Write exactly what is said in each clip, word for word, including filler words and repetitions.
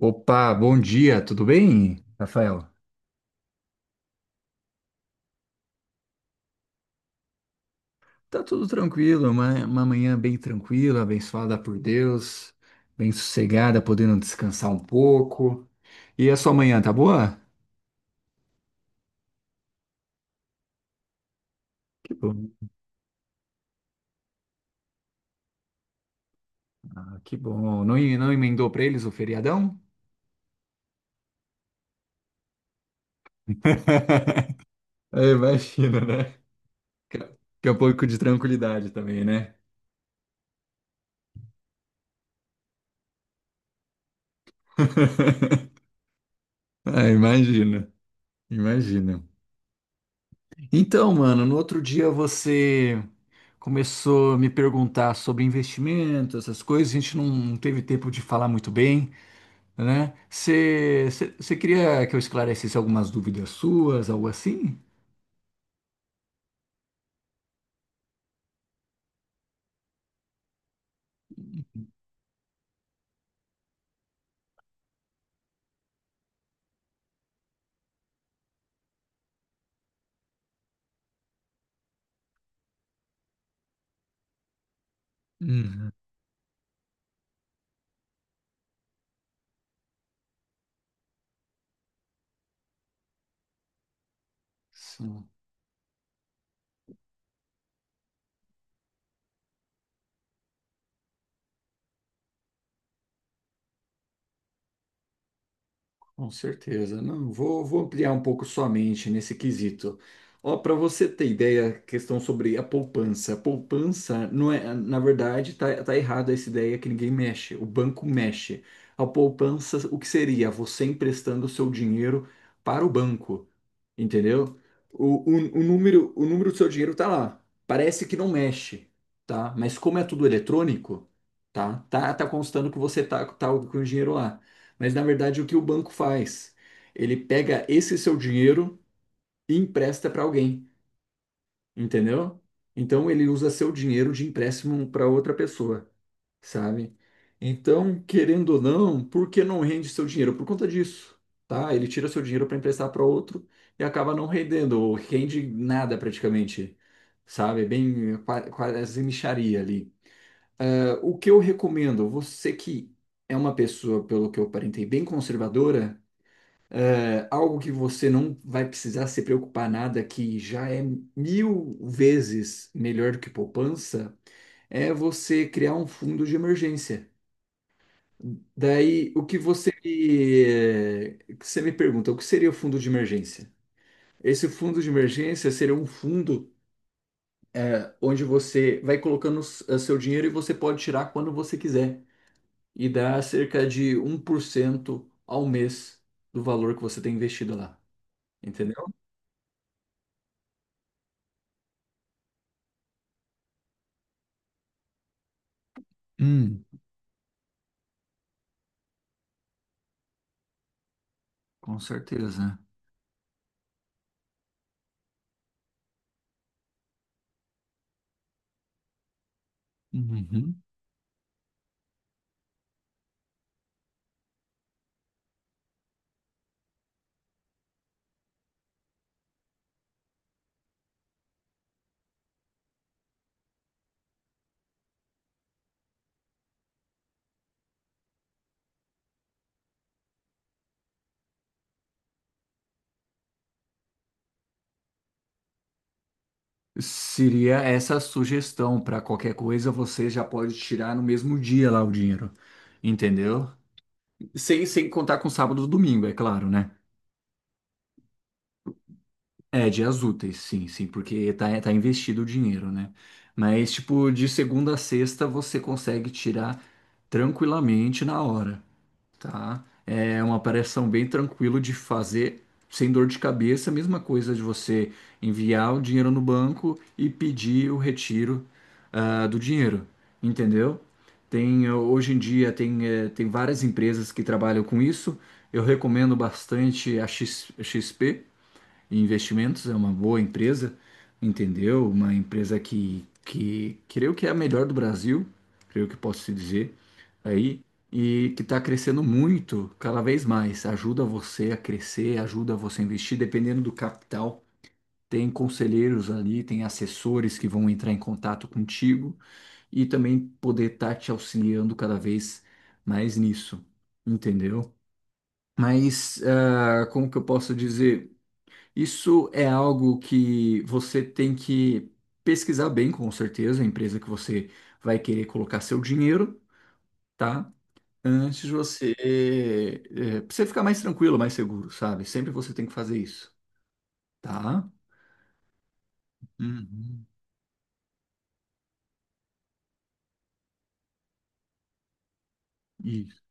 Opa, bom dia, tudo bem, Rafael? Tá tudo tranquilo, uma, uma manhã bem tranquila, abençoada por Deus, bem sossegada, podendo descansar um pouco. E a sua manhã, tá boa? Que bom, ah, que bom. Não, em- não emendou pra eles o feriadão? É, imagina, né? Que é um pouco de tranquilidade também, né? Ah, imagina, imagina. Então, mano, no outro dia você começou a me perguntar sobre investimento, essas coisas, a gente não teve tempo de falar muito bem, né? Você você- você- queria que eu esclarecesse algumas dúvidas suas, algo assim? Uhum. Com certeza. Não, vou, vou ampliar um pouco sua mente nesse quesito. Ó, para você ter ideia, questão sobre a poupança. A poupança não é, na verdade, tá, tá errado essa ideia que ninguém mexe. O banco mexe. A poupança, o que seria? Você emprestando o seu dinheiro para o banco, entendeu? O, o, o número, o número do seu dinheiro tá lá. Parece que não mexe, tá? Mas como é tudo eletrônico, tá? Tá, tá constando que você tá, tá com o dinheiro lá. Mas na verdade, o que o banco faz? Ele pega esse seu dinheiro e empresta para alguém, entendeu? Então ele usa seu dinheiro de empréstimo para outra pessoa, sabe? Então, querendo ou não, por que não rende seu dinheiro? Por conta disso, tá? Ele tira seu dinheiro para emprestar para outro e acaba não rendendo, ou rende nada praticamente, sabe? Bem, eh, qua- quase mixaria ali. Eh, O que eu recomendo, você que é uma pessoa, pelo que eu aparentei, bem conservadora, algo que você não vai precisar se preocupar nada, que já é mil vezes melhor do que poupança, é você criar um fundo de emergência. Daí, o que você me, que você me pergunta, o que seria o fundo de emergência? Esse fundo de emergência seria um fundo eh, onde você vai colocando s- eh, seu dinheiro e você pode tirar quando você quiser. E dá cerca de um por cento ao mês do valor que você tem investido lá. Entendeu? Hum, com certeza. Uhum. Seria essa a sugestão para qualquer coisa você já pode tirar no mesmo dia lá o dinheiro, entendeu? Sem, sem contar com sábado e domingo, é claro, né? É, dias úteis, sim, sim, porque tá, tá investido o dinheiro, né? Mas, tipo, de segunda a sexta você consegue tirar tranquilamente na hora. Tá. É uma operação bem tranquilo de fazer, sem dor de cabeça. Mesma coisa de você enviar o dinheiro no banco e pedir o retiro, ah, do dinheiro, entendeu? Tem, eh, hoje em dia tem, eh, tem várias empresas que trabalham com isso. Eu recomendo bastante a X- X P Investimentos, é uma boa empresa, entendeu? Uma empresa que, que creio que é a melhor do Brasil, creio que posso te dizer aí e que está crescendo muito, cada vez mais. Ajuda você a crescer, ajuda você a investir, dependendo do capital. Tem conselheiros ali, tem assessores que vão entrar em contato contigo e também poder estar te auxiliando cada vez mais nisso, entendeu? Mas ah, como que eu posso dizer? Isso é algo que você tem que pesquisar bem, com certeza, a empresa que você vai querer colocar seu dinheiro, tá? Antes de você, é, pra você ficar mais tranquilo, mais seguro, sabe? Sempre você tem que fazer isso, tá? Uhum. Isso.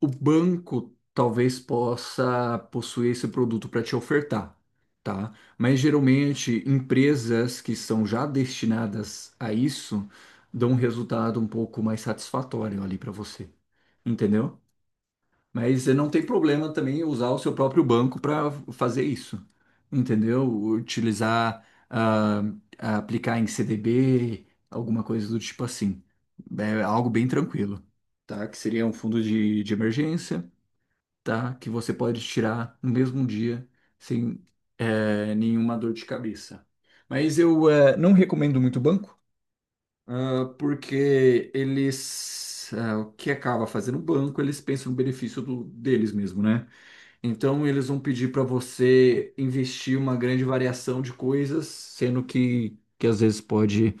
O banco talvez possa possuir esse produto para te ofertar, tá? Mas geralmente empresas que são já destinadas a isso dão um resultado um pouco mais satisfatório ali para você, entendeu? Mas eh, não tem problema também usar o seu próprio banco para fazer isso, entendeu? Utilizar, ah, aplicar em C D B, alguma coisa do tipo assim. É algo bem tranquilo, tá? Que seria um fundo de, de emergência, tá? Que você pode tirar no mesmo dia sem eh, nenhuma dor de cabeça. Mas eu eh, não recomendo muito banco, ah, porque eles, ah, o que acaba fazendo o banco, eles pensam no benefício do- deles mesmo, né? Então eles vão pedir para você investir uma grande variação de coisas, sendo que, que às vezes pode,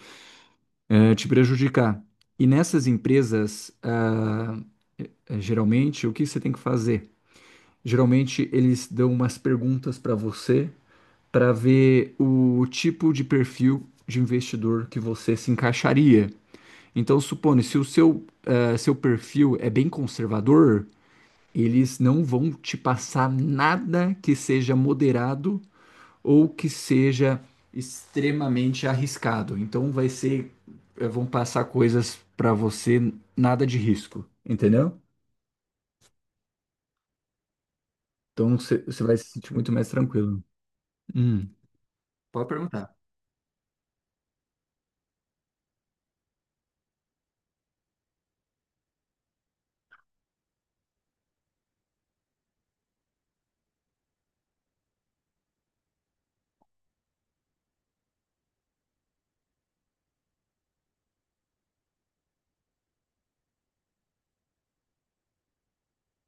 eh, te prejudicar. E nessas empresas, ah, geralmente, o que você tem que fazer? Geralmente eles dão umas perguntas para você para ver o tipo de perfil de investidor que você se encaixaria. Então, supondo, se o seu, eh, seu perfil é bem conservador, eles não vão te passar nada que seja moderado ou que seja extremamente arriscado. Então, vai ser, eh, vão passar coisas para você nada de risco, entendeu? Então, você você vai se sentir muito mais tranquilo. Hum, pode perguntar.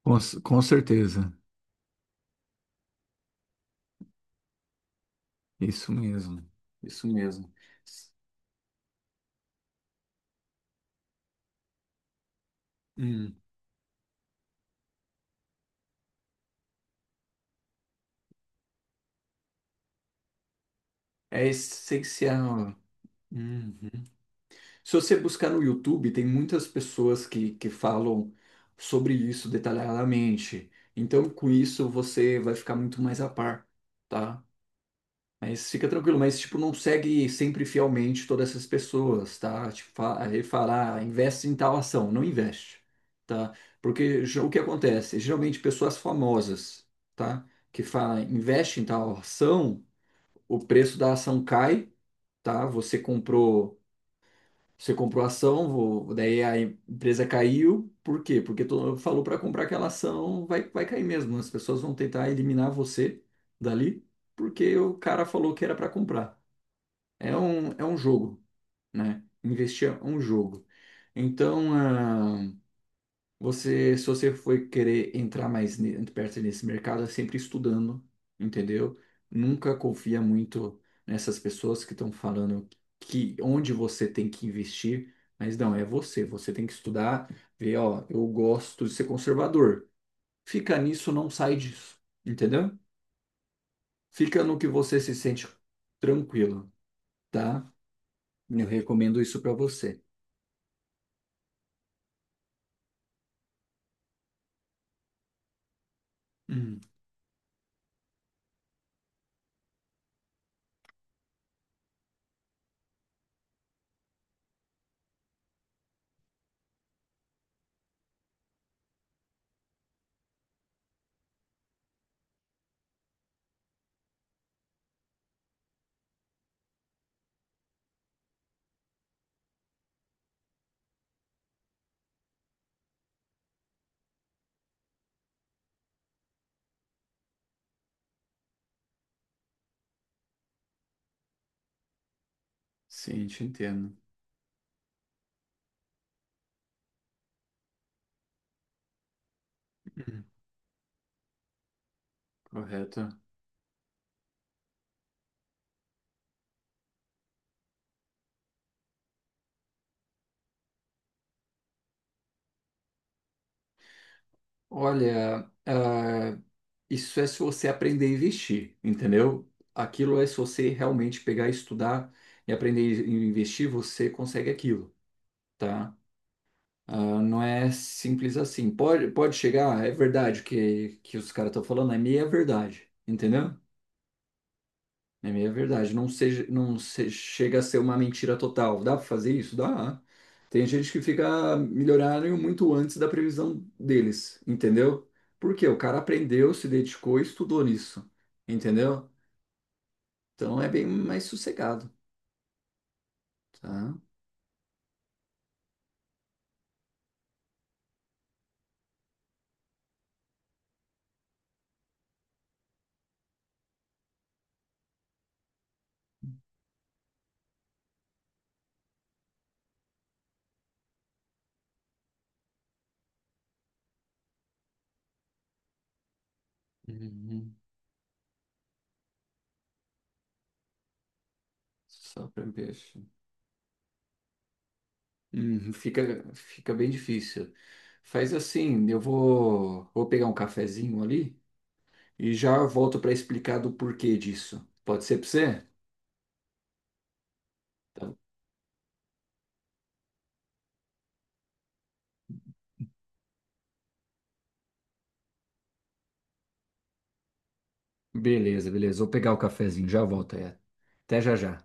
Com, c- com certeza. Isso mesmo. Isso mesmo. Hum, é essencial. Uhum. Se você buscar no YouTube, tem muitas pessoas que, que falam sobre isso detalhadamente. Então, com isso, você vai ficar muito mais a par, tá? Mas fica tranquilo, mas, tipo, não segue sempre fielmente todas essas pessoas, tá? Tipo, fa- ele fala, ah, investe em tal ação, não investe, tá? Porque ge- o que acontece? Geralmente, pessoas famosas, tá? Que falam, investe em tal ação, o preço da ação cai, tá? Você comprou você comprou a ação, vou- daí a empresa caiu, por quê? Porque todo mundo falou para comprar aquela ação, vai, vai cair mesmo. As pessoas vão tentar eliminar você dali, porque o cara falou que era para comprar. É um, é um jogo, né? Investir é um jogo. Então, ah, você, se você for querer entrar mais ne- perto nesse mercado, é sempre estudando, entendeu? Nunca confia muito nessas pessoas que estão falando que onde você tem que investir, mas não, é você. Você tem que estudar, ver, ó, eu gosto de ser conservador. Fica nisso, não sai disso, entendeu? Fica no que você se sente tranquilo, tá? Eu recomendo isso pra você. Hum, sim, te entendo. Hum, correto. Olha, ah, isso é se você aprender a investir, entendeu? Aquilo é se você realmente pegar, estudar e aprender a investir, você consegue aquilo, tá? Ah, não é simples assim. Pode, pode chegar, ah, é verdade o que, que os caras estão falando, é meia verdade, entendeu? É meia verdade. Não seja, não se, chega a ser uma mentira total. Dá pra fazer isso? Dá. Tem gente que fica milionário muito antes da previsão deles, entendeu? Porque o cara aprendeu, se dedicou e estudou nisso. Entendeu? Então é bem mais sossegado, tá? Uhum. Só para peixe. Hum, fica, fica bem difícil. Faz assim, eu vou, vou pegar um cafezinho ali e já volto para explicar do porquê disso. Pode ser para você? Tá. Beleza, beleza. Vou pegar o cafezinho, já volto aí. Até já já.